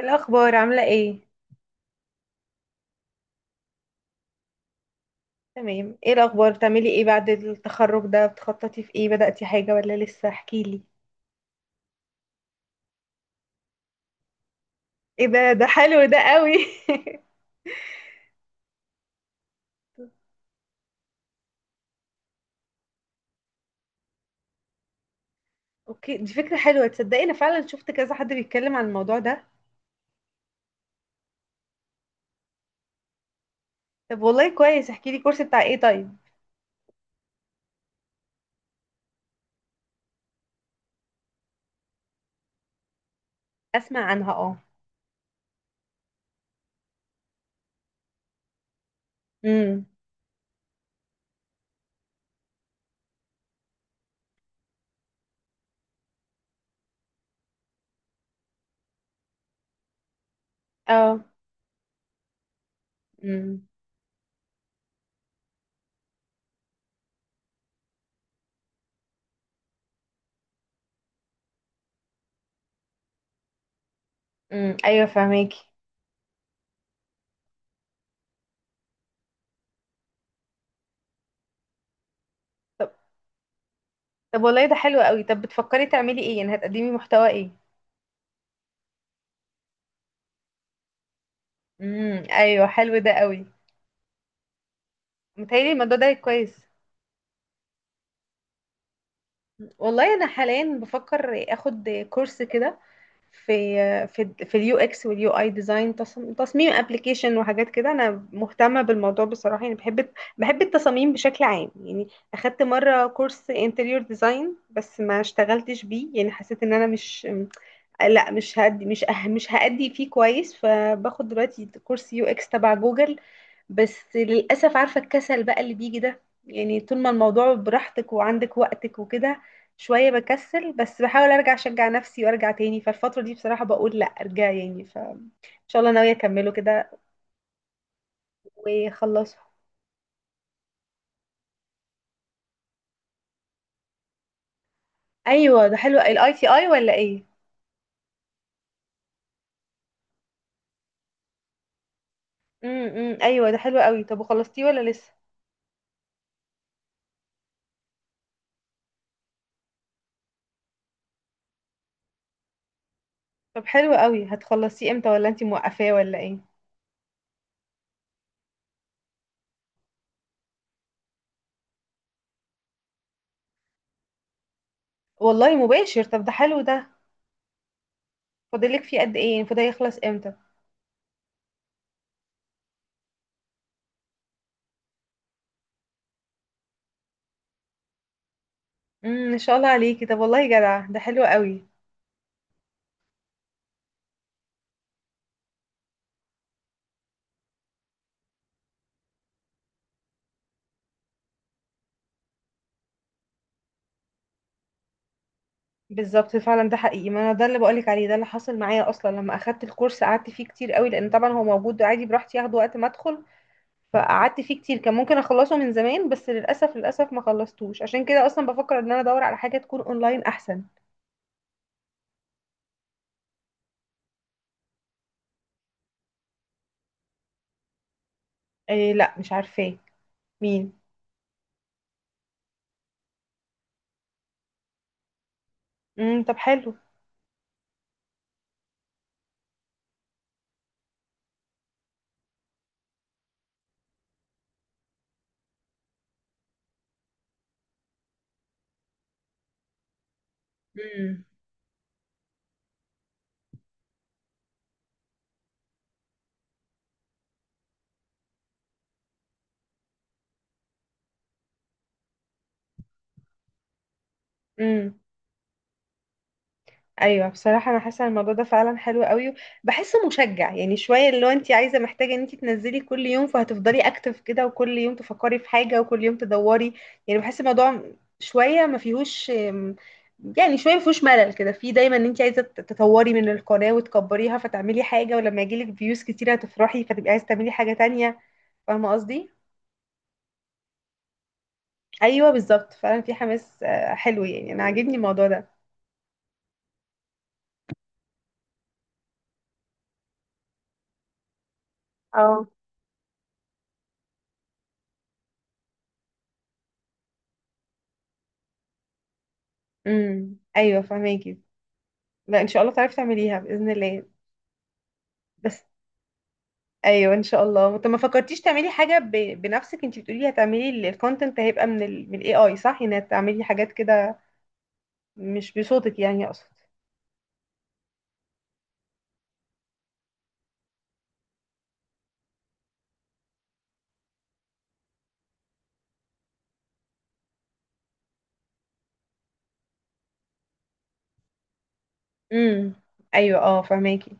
الأخبار عاملة ايه؟ تمام، ايه الأخبار؟ بتعملي ايه بعد التخرج ده؟ بتخططي في ايه؟ بدأتي حاجة ولا لسه؟ احكيلي. ايه ده، حلو ده قوي. اوكي، دي فكرة حلوة. تصدقي انا فعلا شفت كذا حد بيتكلم عن الموضوع ده. طب والله كويس، احكيلي كورس بتاع ايه طيب؟ اسمع عنها، اه. امم. اه. امم امم، ايوه فهماكي. طب طب والله ده حلو قوي. طب بتفكري تعملي ايه؟ يعني هتقدمي محتوى ايه؟ امم، ايوه حلو ده قوي. متهيألي الموضوع ده كويس. والله انا حاليا بفكر اخد كورس كده، في اليو اكس واليو اي ديزاين، تصميم ابلكيشن وحاجات كده. انا مهتمه بالموضوع بصراحه، يعني بحب التصاميم بشكل عام يعني. اخدت مره كورس انتريور ديزاين بس ما اشتغلتش بيه، يعني حسيت ان انا مش لا مش هدي مش أه مش هأدي فيه كويس. فباخد دلوقتي كورس يو اكس تبع جوجل، بس للأسف عارفة الكسل بقى اللي بيجي ده. يعني طول ما الموضوع براحتك وعندك وقتك وكده، شوية بكسل، بس بحاول ارجع اشجع نفسي وارجع تاني. فالفترة دي بصراحة بقول لا، ارجع يعني، فان شاء الله ناوية اكمله كده واخلصه. ايوه ده حلو، الاي تي اي ولا ايه؟ امم، إمم. ايوه ده حلو قوي. طب وخلصتيه ولا لسه؟ طب حلو قوي، هتخلصيه امتى ولا انتي موقفاه ولا ايه؟ والله مباشر، طب ده حلو ده. فاضلك فيه قد ايه، فده يخلص امتى؟ امم، ان شاء الله عليكي. طب والله جدع، ده حلو قوي. بالظبط، فعلا ده حقيقي. ما انا ده اللي بقولك عليه، ده اللي حصل معايا اصلا. لما اخدت الكورس قعدت فيه كتير قوي، لان طبعا هو موجود عادي براحتي ياخده وقت ما ادخل. فقعدت فيه كتير، كان ممكن اخلصه من زمان، بس للاسف للاسف ما خلصتوش. عشان كده اصلا بفكر ان انا ادور على حاجه تكون اونلاين احسن. إيه؟ لا مش عارفاه. مين؟ امم، طب حلو. امم. امم، ايوه بصراحه انا حاسه ان الموضوع ده فعلا حلو قوي. بحسه مشجع، يعني شويه اللي هو انت عايزه محتاجه ان انت تنزلي كل يوم، فهتفضلي اكتف كده، وكل يوم تفكري في حاجه، وكل يوم تدوري. يعني بحس الموضوع شويه ما فيهوش، يعني شويه ما فيهوش ملل كده، في دايما ان انت عايزه تطوري من القناه وتكبريها، فتعملي حاجه، ولما يجيلك فيوز كتير هتفرحي فتبقي عايزه تعملي حاجه تانية. فاهمه قصدي؟ ايوه بالظبط، فعلا في حماس، حلو، يعني انا عاجبني الموضوع ده. اه. امم، ايوه فهماكي. لا، ان شاء الله تعرفي تعمليها باذن الله. بس ايوه، ان شاء الله. طب ما فكرتيش تعملي حاجه بنفسك؟ انت بتقولي هتعملي الكونتنت، هيبقى من الاي اي، صح؟ انك تعملي حاجات كده، مش بصوتك يعني، اقصد. امم، ايوه اه فهماكي.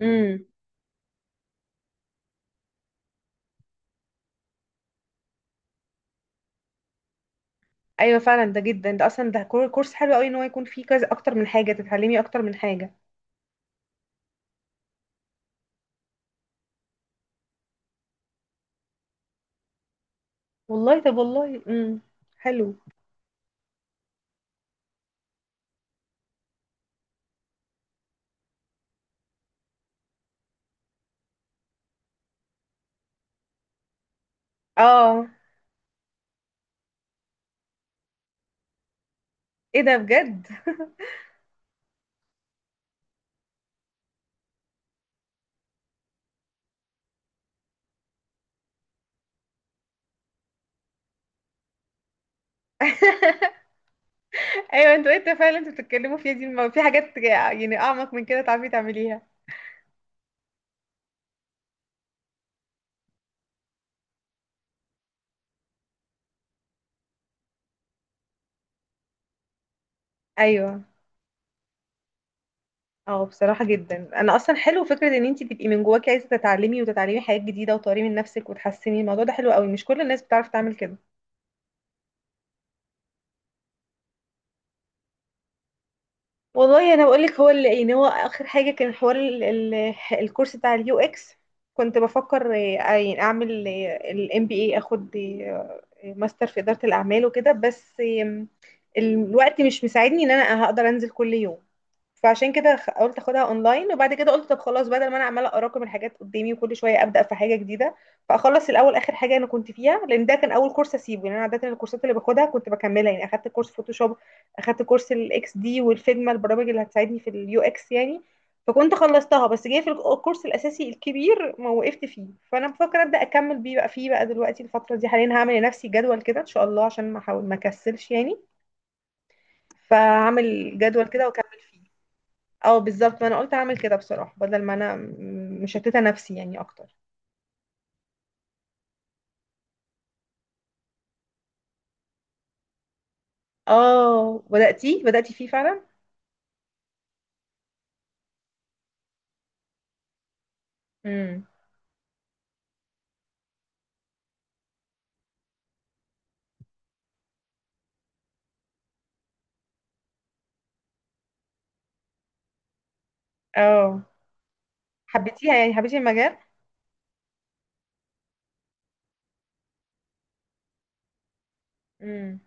امم ايوه، فعلا ده جدا، ده اصلا ده كورس حلو قوي، ان هو يكون فيه كذا اكتر من حاجه، تتعلمي اكتر من حاجه. والله، طب والله، حلو. اه، ايه ده بجد؟ ايوه، انتوا انت فعلا انتوا بتتكلموا فيها دي، ما في حاجات يعني اعمق من كده تعرفي تعمليها. ايوه اه، بصراحه جدا انا اصلا حلو فكره ان انت تبقي من جواكي عايزه تتعلمي وتتعلمي حاجات جديده وتطوري من نفسك وتحسني، الموضوع ده حلو قوي، مش كل الناس بتعرف تعمل كده. والله انا بقول لك، هو اللي يعني هو اخر حاجه كان حوار ال ال الكورس بتاع اليو اكس. كنت بفكر يعني اعمل الام بي اي، اخد ماستر في اداره الاعمال وكده، بس آم، الوقت مش مساعدني ان انا هقدر انزل كل يوم. فعشان كده قلت اخدها اونلاين، وبعد كده قلت طب خلاص، بدل ما انا عماله اراكم الحاجات قدامي وكل شويه ابدا في حاجه جديده، فاخلص الاول اخر حاجه انا كنت فيها، لان ده كان اول كورس اسيبه. يعني انا عاده الكورسات اللي باخدها كنت بكملها، يعني اخدت كورس فوتوشوب، اخدت كورس الاكس دي والفيجما، البرامج اللي هتساعدني في اليو اكس يعني. فكنت خلصتها بس جاي في الكورس الاساسي الكبير ما وقفت فيه. فانا بفكر ابدا اكمل بيه بقى فيه بقى. دلوقتي الفتره دي حاليا هعمل لنفسي جدول كده ان شاء الله، عشان ما احاول ما اكسلش يعني. فهعمل جدول كده واكمل فيه. اه بالظبط، ما انا قلت اعمل كده بصراحة، بدل ما انا مشتتة نفسي يعني اكتر. اه، بدأتي فيه فعلا. امم اه حبيتيها يعني، حبيتي المجال؟ امم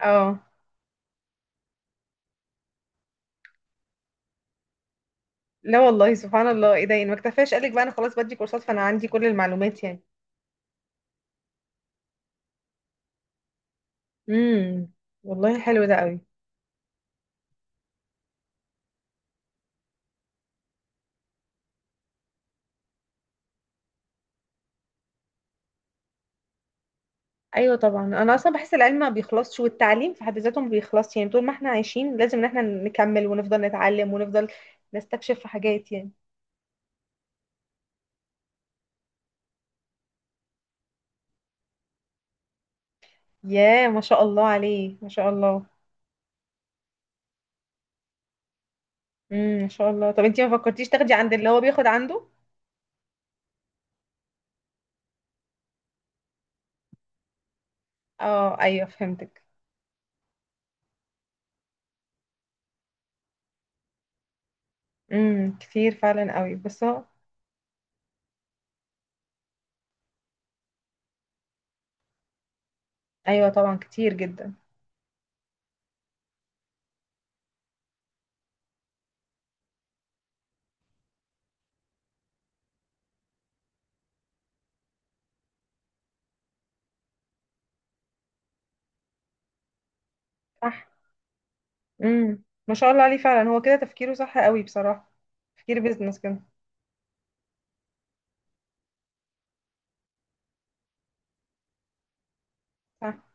اه لا والله سبحان الله، ايه ده؟ يعني ما اكتفاش قالك بقى انا خلاص بدي كورسات، فانا عندي كل المعلومات يعني. امم، والله حلو ده قوي. ايوه طبعا، انا اصلا بحس العلم ما بيخلصش والتعليم في حد ذاته ما بيخلصش يعني، طول ما احنا عايشين لازم ان احنا نكمل ونفضل نتعلم ونفضل نستكشف في حاجات يعني. ياه، ما شاء الله عليه، ما شاء الله. امم، ما شاء الله. طب انتي ما فكرتيش تاخدي عند اللي هو بياخد عنده؟ اه ايوه، فهمتك. امم، كتير فعلا قوي، بس هو. ايوه طبعا كتير جدا. صح. امم ما شاء الله عليه، فعلا هو كده تفكيره صح قوي بصراحة، تفكير بيزنس كده. صح،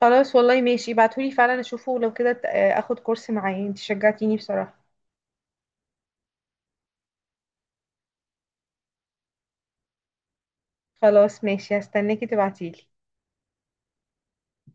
خلاص والله ماشي، ابعتهولي فعلا اشوفه، لو كده اخد كورس معاه، انتي شجعتيني بصراحة. خلاص ماشي، هستناكي تبعتيلي.